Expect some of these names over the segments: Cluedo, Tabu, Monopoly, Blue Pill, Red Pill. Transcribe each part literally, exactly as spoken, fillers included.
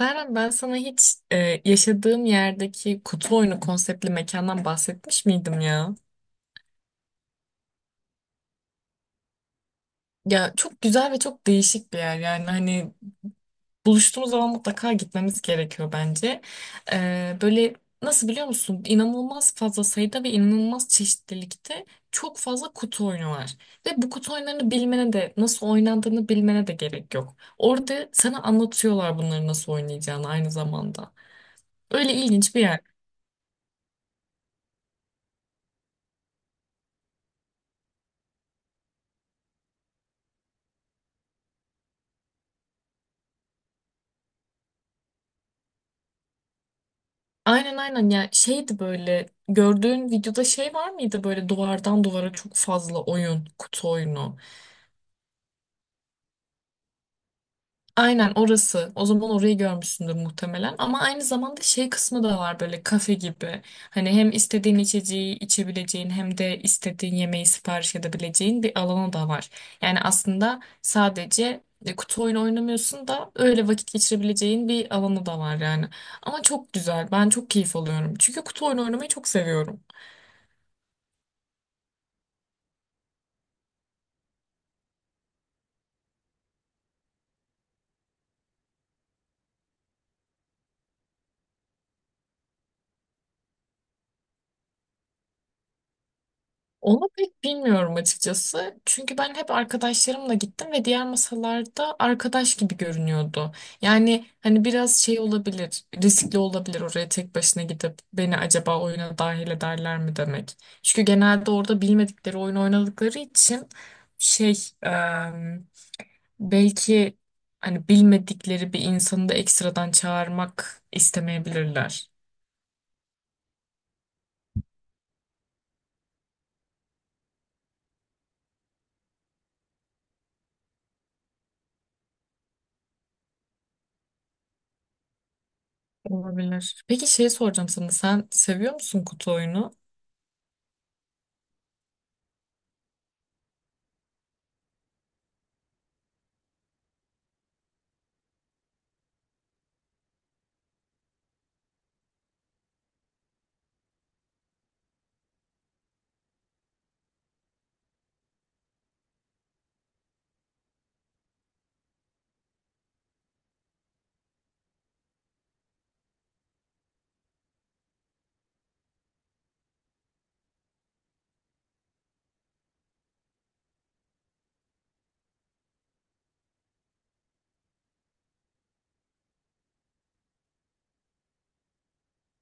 Serhan ben sana hiç e, yaşadığım yerdeki kutu oyunu konseptli mekandan bahsetmiş miydim ya? Ya çok güzel ve çok değişik bir yer, yani hani buluştuğumuz zaman mutlaka gitmemiz gerekiyor bence. E, böyle, nasıl biliyor musun? İnanılmaz fazla sayıda ve inanılmaz çeşitlilikte çok fazla kutu oyunu var. Ve bu kutu oyunlarını bilmene de nasıl oynandığını bilmene de gerek yok. Orada sana anlatıyorlar bunları nasıl oynayacağını aynı zamanda. Öyle ilginç bir yer. Aynen aynen ya, şeydi, böyle gördüğün videoda şey var mıydı, böyle duvardan duvara çok fazla oyun, kutu oyunu. Aynen, orası o zaman, orayı görmüşsündür muhtemelen, ama aynı zamanda şey kısmı da var, böyle kafe gibi. Hani hem istediğin içeceği içebileceğin hem de istediğin yemeği sipariş edebileceğin bir alanı da var. Yani aslında sadece e, kutu oyunu oynamıyorsun da, öyle vakit geçirebileceğin bir alanı da var yani. Ama çok güzel, ben çok keyif alıyorum çünkü kutu oyunu oynamayı çok seviyorum. Onu pek bilmiyorum açıkçası. Çünkü ben hep arkadaşlarımla gittim ve diğer masalarda arkadaş gibi görünüyordu. Yani hani biraz şey olabilir, riskli olabilir oraya tek başına gidip beni acaba oyuna dahil ederler mi demek. Çünkü genelde orada bilmedikleri oyun oynadıkları için şey, em, belki hani bilmedikleri bir insanı da ekstradan çağırmak istemeyebilirler. Olabilir. Peki şey soracağım sana. Sen seviyor musun kutu oyunu?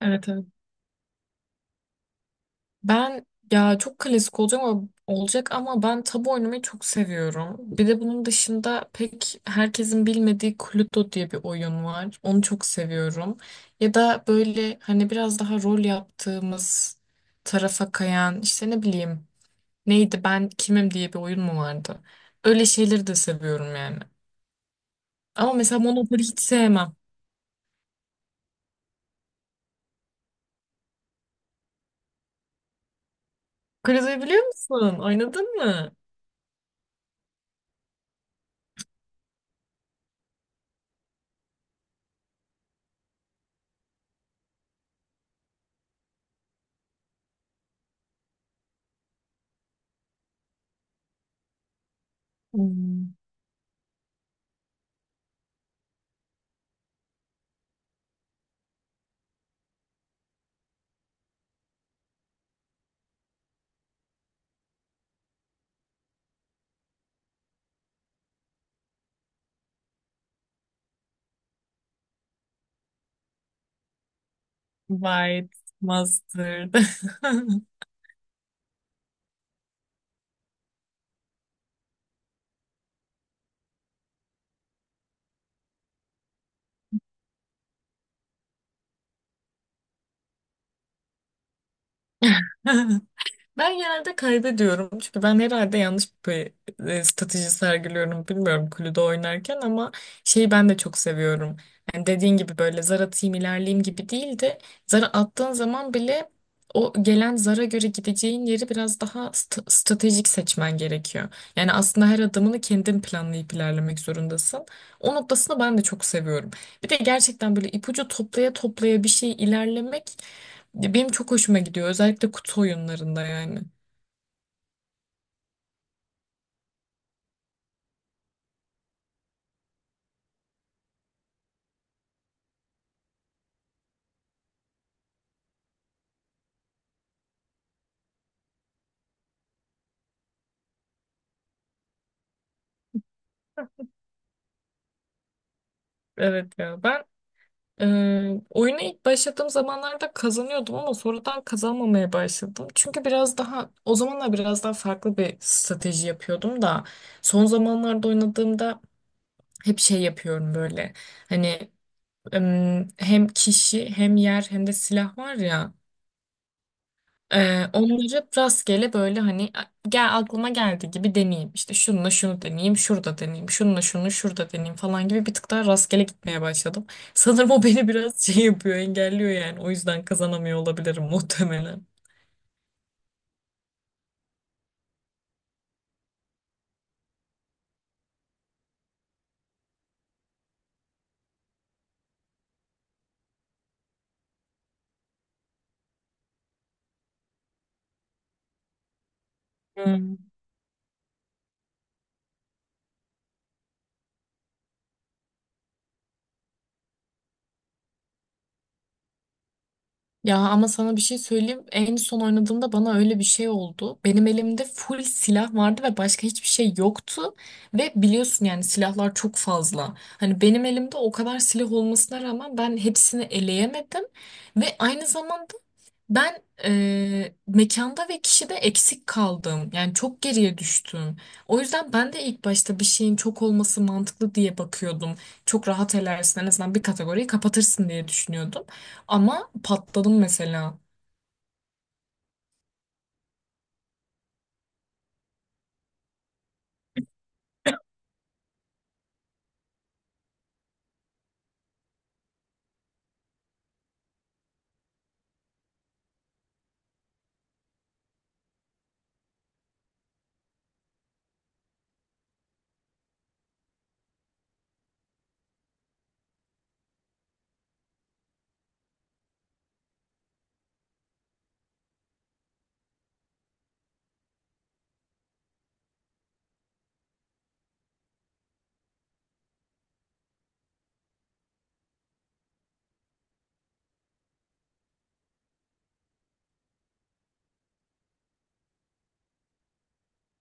Evet, evet. Ben, ya çok klasik olacak ama, olacak ama ben tabu oynamayı çok seviyorum. Bir de bunun dışında pek herkesin bilmediği Cluedo diye bir oyun var. Onu çok seviyorum. Ya da böyle hani biraz daha rol yaptığımız tarafa kayan, işte ne bileyim, neydi, ben kimim diye bir oyun mu vardı? Öyle şeyleri de seviyorum yani. Ama mesela Monopoly hiç sevmem. Cluedo'yu biliyor musun? Oynadın mı? Hmm. White mustard. Ben genelde kaybediyorum çünkü ben herhalde yanlış bir e, strateji sergiliyorum, bilmiyorum kulüde oynarken, ama şeyi ben de çok seviyorum. Yani dediğin gibi böyle zar atayım ilerleyeyim gibi değil de, zarı attığın zaman bile o gelen zara göre gideceğin yeri biraz daha st- stratejik seçmen gerekiyor. Yani aslında her adımını kendin planlayıp ilerlemek zorundasın. O noktasını ben de çok seviyorum. Bir de gerçekten böyle ipucu toplaya toplaya bir şey ilerlemek benim çok hoşuma gidiyor, özellikle kutu oyunlarında yani. Evet ya, ben e, oyuna ilk başladığım zamanlarda kazanıyordum ama sonradan kazanmamaya başladım. Çünkü biraz daha o zamanlar biraz daha farklı bir strateji yapıyordum da, son zamanlarda oynadığımda hep şey yapıyorum böyle. Hani em, hem kişi, hem yer, hem de silah var ya. Ee, onları rastgele, böyle hani, "A- gel aklıma geldi gibi deneyeyim. İşte şununla şunu deneyeyim, şurada deneyeyim, şununla şunu şurada deneyeyim" falan gibi bir tık daha rastgele gitmeye başladım. Sanırım o beni biraz şey yapıyor, engelliyor yani. O yüzden kazanamıyor olabilirim muhtemelen. Hmm. Ya ama sana bir şey söyleyeyim. En son oynadığımda bana öyle bir şey oldu. Benim elimde full silah vardı ve başka hiçbir şey yoktu. Ve biliyorsun, yani silahlar çok fazla. Hani benim elimde o kadar silah olmasına rağmen ben hepsini eleyemedim. Ve aynı zamanda ben e, mekanda ve kişide eksik kaldım. Yani çok geriye düştüm. O yüzden ben de ilk başta bir şeyin çok olması mantıklı diye bakıyordum. Çok rahat elersin, en azından bir kategoriyi kapatırsın diye düşünüyordum. Ama patladım mesela.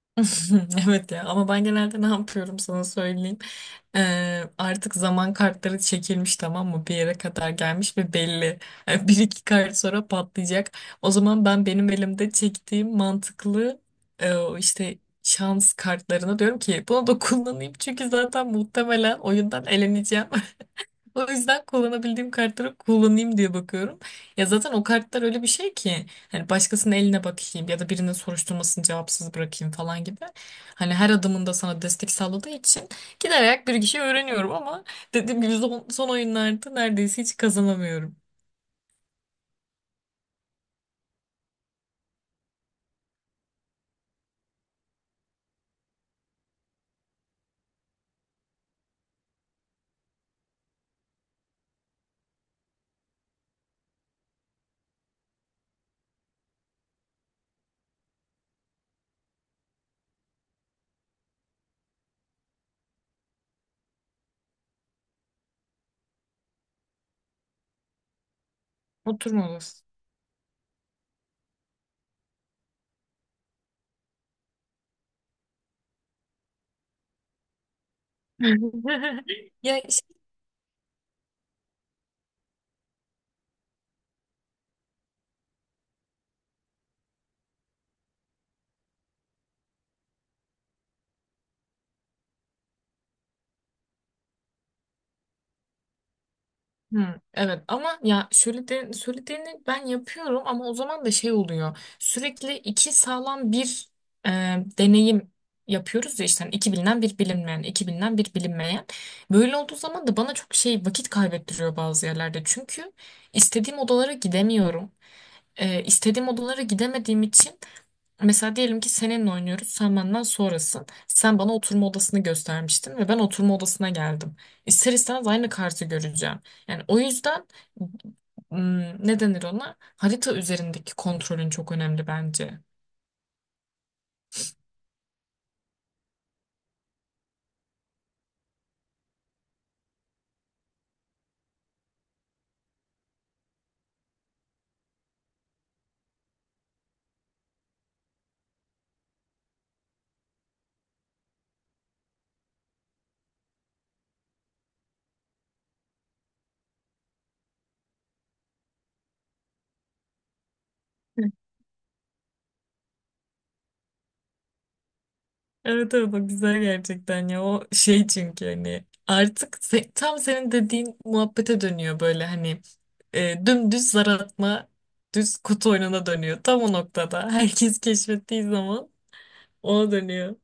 Evet ya, ama ben genelde ne yapıyorum sana söyleyeyim. Ee, artık zaman kartları çekilmiş, tamam mı? Bir yere kadar gelmiş ve belli. Yani bir iki kart sonra patlayacak. O zaman ben benim elimde çektiğim mantıklı e, o işte şans kartlarına diyorum ki bunu da kullanayım. Çünkü zaten muhtemelen oyundan eleneceğim. O yüzden kullanabildiğim kartları kullanayım diye bakıyorum. Ya zaten o kartlar öyle bir şey ki hani başkasının eline bakayım, ya da birinin soruşturmasını cevapsız bırakayım falan gibi. Hani her adımında sana destek sağladığı için giderek bir kişi öğreniyorum, ama dediğim gibi son, son oyunlarda neredeyse hiç kazanamıyorum. Oturmalı. Ya, hı, evet ama ya söylediğin, söylediğini ben yapıyorum, ama o zaman da şey oluyor. Sürekli iki sağlam bir e, deneyim yapıyoruz ya, işte hani iki bilinen bir bilinmeyen, iki bilinen bir bilinmeyen. Böyle olduğu zaman da bana çok şey vakit kaybettiriyor bazı yerlerde. Çünkü istediğim odalara gidemiyorum. E, istediğim odalara gidemediğim için, mesela diyelim ki seninle oynuyoruz. Sen benden sonrasın. Sen bana oturma odasını göstermiştin ve ben oturma odasına geldim. E, İster istemez aynı kartı göreceğim. Yani o yüzden, ım, ne denir ona? Harita üzerindeki kontrolün çok önemli bence. Hı. Evet evet, o güzel gerçekten ya, o şey çünkü hani artık se- tam senin dediğin muhabbete dönüyor böyle, hani e, dümdüz zar atma, düz kutu oyununa dönüyor tam o noktada, herkes keşfettiği zaman ona dönüyor.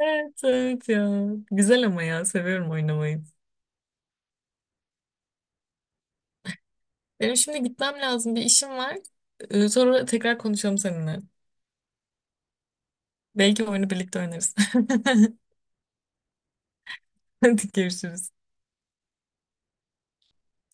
Evet, evet ya. Güzel ama ya. Seviyorum oynamayı. Benim şimdi gitmem lazım. Bir işim var. Ee, Sonra tekrar konuşalım seninle. Belki oyunu birlikte oynarız. Hadi, görüşürüz.